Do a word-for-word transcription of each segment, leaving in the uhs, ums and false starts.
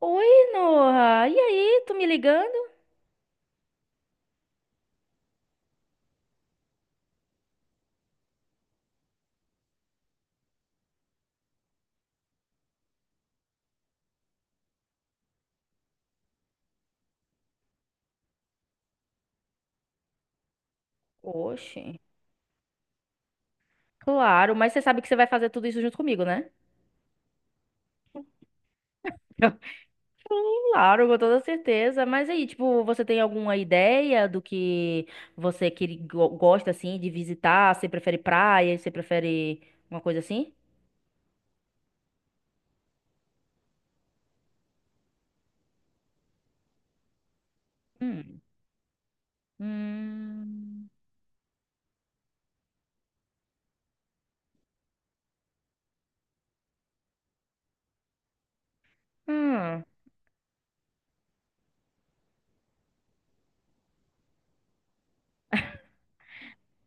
Oi, Noah. E aí, tu me ligando? Oxe, claro, mas você sabe que você vai fazer tudo isso junto comigo, né? Claro, com toda certeza. Mas aí, tipo, você tem alguma ideia do que você que go- gosta assim de visitar? Você prefere praia? Você prefere uma coisa assim? Hum. Hum. Hum.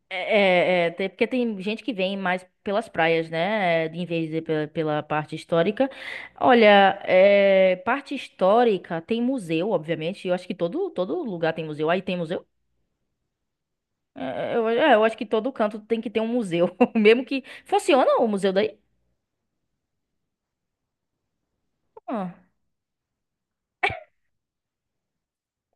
É, é, é, tem- porque tem gente que vem mais pelas praias, né? Em vez de pela, pela parte histórica. Olha, é, parte histórica tem museu, obviamente. Eu acho que todo, todo lugar tem museu. Aí tem museu? É, eu, é, eu acho que todo canto tem que ter um museu. Mesmo que. Funciona o museu daí? Ah.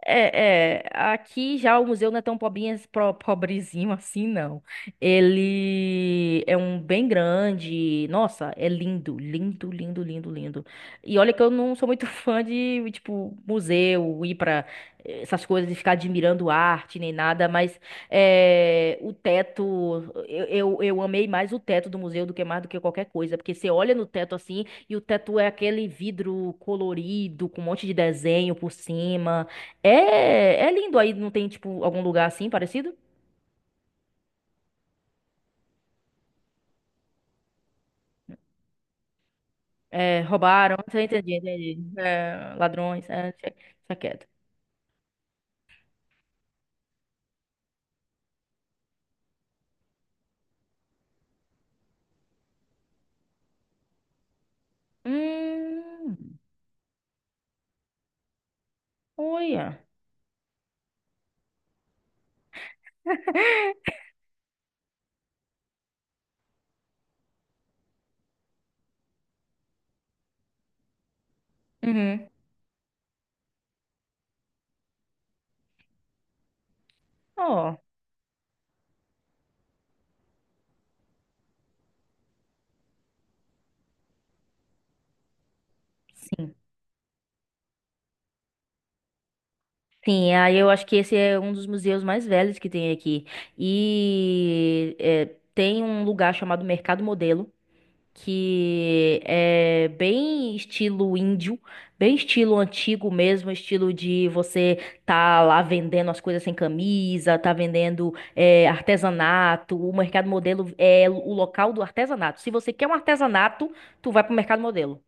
É, é, aqui já o museu não é tão pobrinha- pro- pobrezinho assim, não. Ele é um bem grande. Nossa, é lindo, lindo, lindo, lindo, lindo. E olha que eu não sou muito fã de, tipo, museu, ir pra eh, essas coisas e ficar admirando arte nem nada, mas é, o teto, eu, eu, eu amei mais o teto do museu do que mais do que qualquer coisa, porque você olha no teto assim e o teto é aquele vidro colorido com um monte de desenho por cima. É, é lindo aí, não tem, tipo, algum lugar assim parecido? É, roubaram, você entendi, entendi. É, ladrões, é, deixa deixa quieto. Hum, olha. Uhum. Ó, sim. Sim, aí eu acho que esse é um dos museus mais velhos que tem aqui. E é, tem um lugar chamado Mercado Modelo, que é bem estilo índio, bem estilo antigo mesmo, estilo de você tá lá vendendo as coisas sem camisa, tá vendendo é, artesanato, o mercado modelo é o local do artesanato. Se você quer um artesanato, tu vai pro mercado modelo.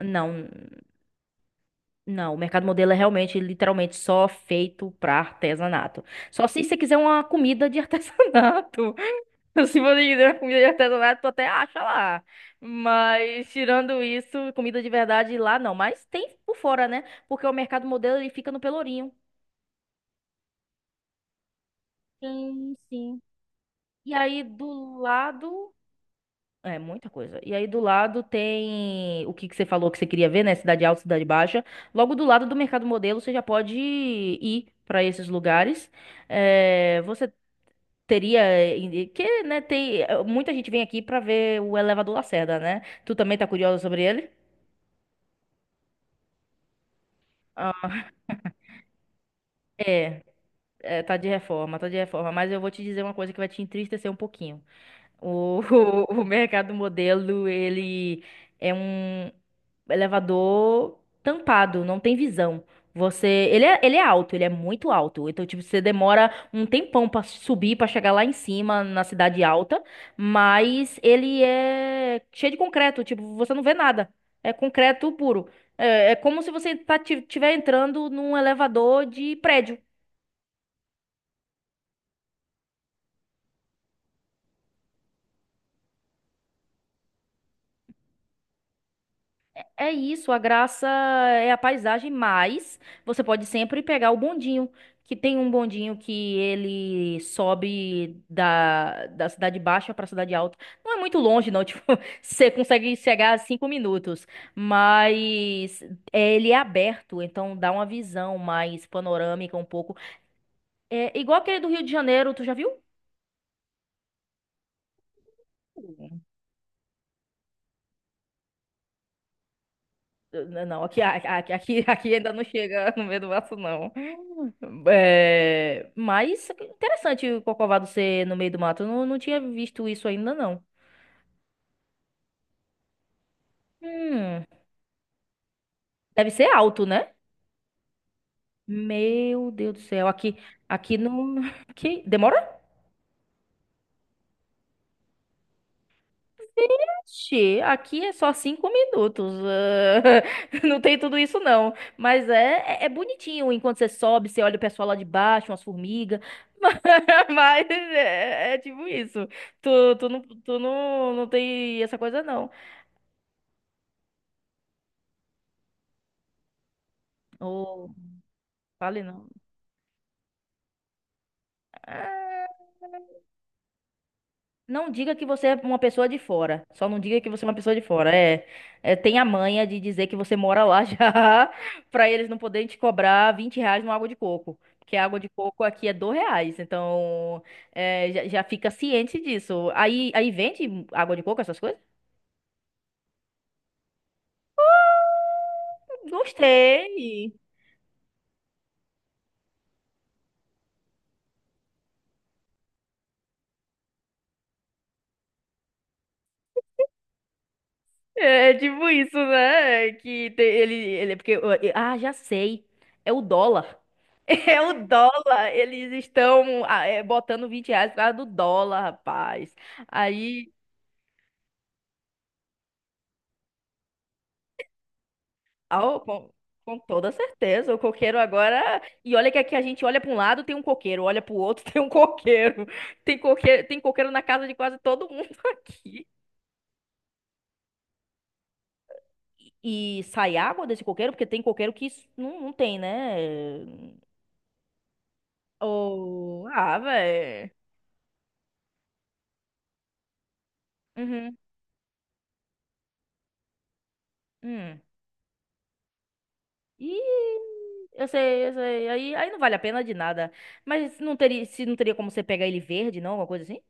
Não, não, o mercado modelo é realmente, literalmente só feito para artesanato. Só se você quiser uma comida de artesanato. Se você quiser comida de artesanato, tu até acha lá. Mas, tirando isso, comida de verdade lá não. Mas tem por fora, né? Porque o mercado modelo ele fica no Pelourinho. Sim, sim. E aí do lado. É, muita coisa. E aí do lado tem o que que você falou que você queria ver, né? Cidade Alta, Cidade Baixa. Logo do lado do Mercado Modelo, você já pode ir para esses lugares. É, você teria, eh, que, né, tem, eh, muita gente vem aqui pra ver o Elevador Lacerda, né? Tu também tá curioso sobre ele? Ah, é, é, tá de reforma, tá de reforma, mas eu vou te dizer uma coisa que vai te entristecer um pouquinho. O, o, mercado modelo, ele é um elevador tampado, não tem visão. Você, ele é, ele é alto, ele é muito alto. Então, tipo, você demora um tempão pra subir, pra chegar lá em cima, na cidade alta, mas ele é cheio de concreto, tipo, você não vê nada. É concreto puro. É, é como se você tá, ti- tiver entrando num elevador de prédio. É isso, a graça é a paisagem, mas você pode sempre pegar o bondinho, que tem um bondinho que ele sobe da, da cidade baixa para a cidade alta. Não é muito longe, não, tipo, você consegue chegar a cinco minutos, mas é, ele é aberto, então dá uma visão mais panorâmica um pouco. É igual aquele do Rio de Janeiro, tu já viu? Não, aqui, aqui, aqui, aqui ainda não chega no meio do mato, não. É, mas interessante o Corcovado ser no meio do mato. Eu não, não tinha visto isso ainda, não. Hum, deve ser alto, né? Meu Deus do céu. Aqui, aqui não. que demora Ixi, aqui é só cinco minutos. Ah, não tem tudo isso, não. Mas é, é é bonitinho. Enquanto você sobe, você olha o pessoal lá de baixo, umas formigas. Mas, mas é, é tipo isso. Tu, tu, não, tu não, não tem essa coisa, não. Ou fale, não. É. Não diga que você é uma pessoa de fora. Só não diga que você é uma pessoa de fora. É, é, tem a manha de dizer que você mora lá já, pra eles não poderem te cobrar vinte reais numa água de coco. Porque a água de coco aqui é dois reais. Então, é, já, já fica ciente disso. Aí, aí vende água de coco, essas coisas? Gostei. É é tipo isso, né? É que tem- ele, ele, é porque, ah, já sei. É o dólar. É o dólar. Eles estão ah, é, botando vinte reais atrás do dólar, rapaz. Aí, ao- com, com toda certeza, o coqueiro agora. E olha que aqui a gente olha para um lado, tem um coqueiro, olha para o outro, tem um coqueiro. Tem coqueiro, tem coqueiro na casa de quase todo mundo aqui. E sai água desse coqueiro, porque tem coqueiro que s- não, não tem, né? Ou ah, velho. Uhum. Hum. E eu sei, eu sei. Aí, aí não vale a pena de nada. Mas não teria, se não teria como você pegar ele verde, não? Alguma coisa assim?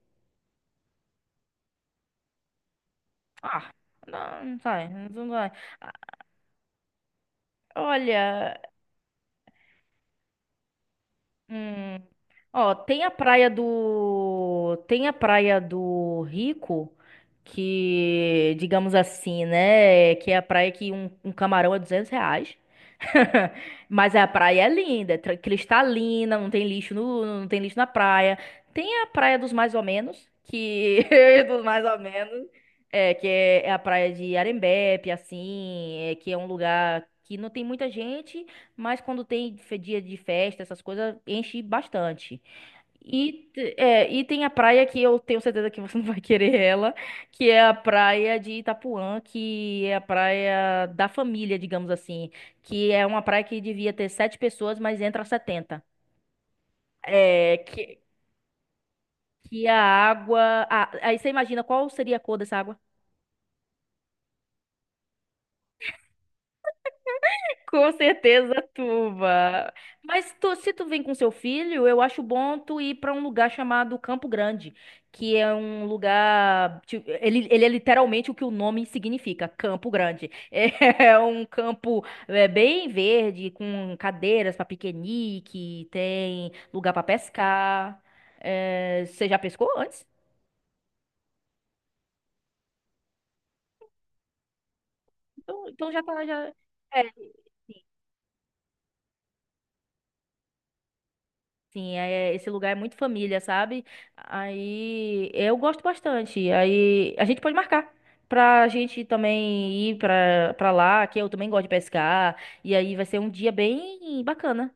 Ah, não, não sai, não sai. Ah, olha, hum, ó, tem a praia do, tem a praia do Rico, que, digamos assim, né, que é a praia que um, um camarão é duzentos reais. Mas a praia é linda, é tra- cristalina, não tem lixo no, não tem lixo na praia. Tem a praia dos mais ou menos, que dos mais ou menos, é que é, é a praia de Arembepe, assim, é, que é um lugar que não tem muita gente, mas quando tem fe- dia de festa, essas coisas enche bastante. E, t- é, e tem a praia que eu tenho certeza que você não vai querer ela, que é a praia de Itapuã, que é a praia da família, digamos assim, que é uma praia que devia ter sete pessoas, mas entra setenta. É, que, que, a água. a- aí você imagina qual seria a cor dessa água? Com certeza, Tuba. Mas tu- se tu vem com seu filho, eu acho bom tu ir pra um lugar chamado Campo Grande, que é um lugar, tipo, ele, ele é literalmente o que o nome significa, Campo Grande. É um campo é, bem verde, com cadeiras pra piquenique, tem lugar pra pescar. É, você já pescou antes? Então, então já tá já. é, Sim, é, esse lugar é muito família, sabe? Aí eu gosto bastante. Aí a gente pode marcar pra gente também ir pra, pra lá, que eu também gosto de pescar. E aí vai ser um dia bem bacana,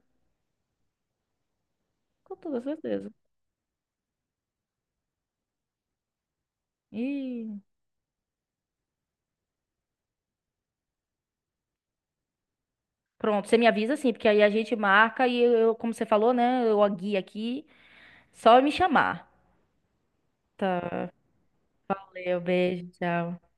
com toda certeza. E pronto, você me avisa assim, porque aí a gente marca e eu, como você falou, né? Eu a guia aqui, só me chamar. Tá. Valeu, beijo, tchau.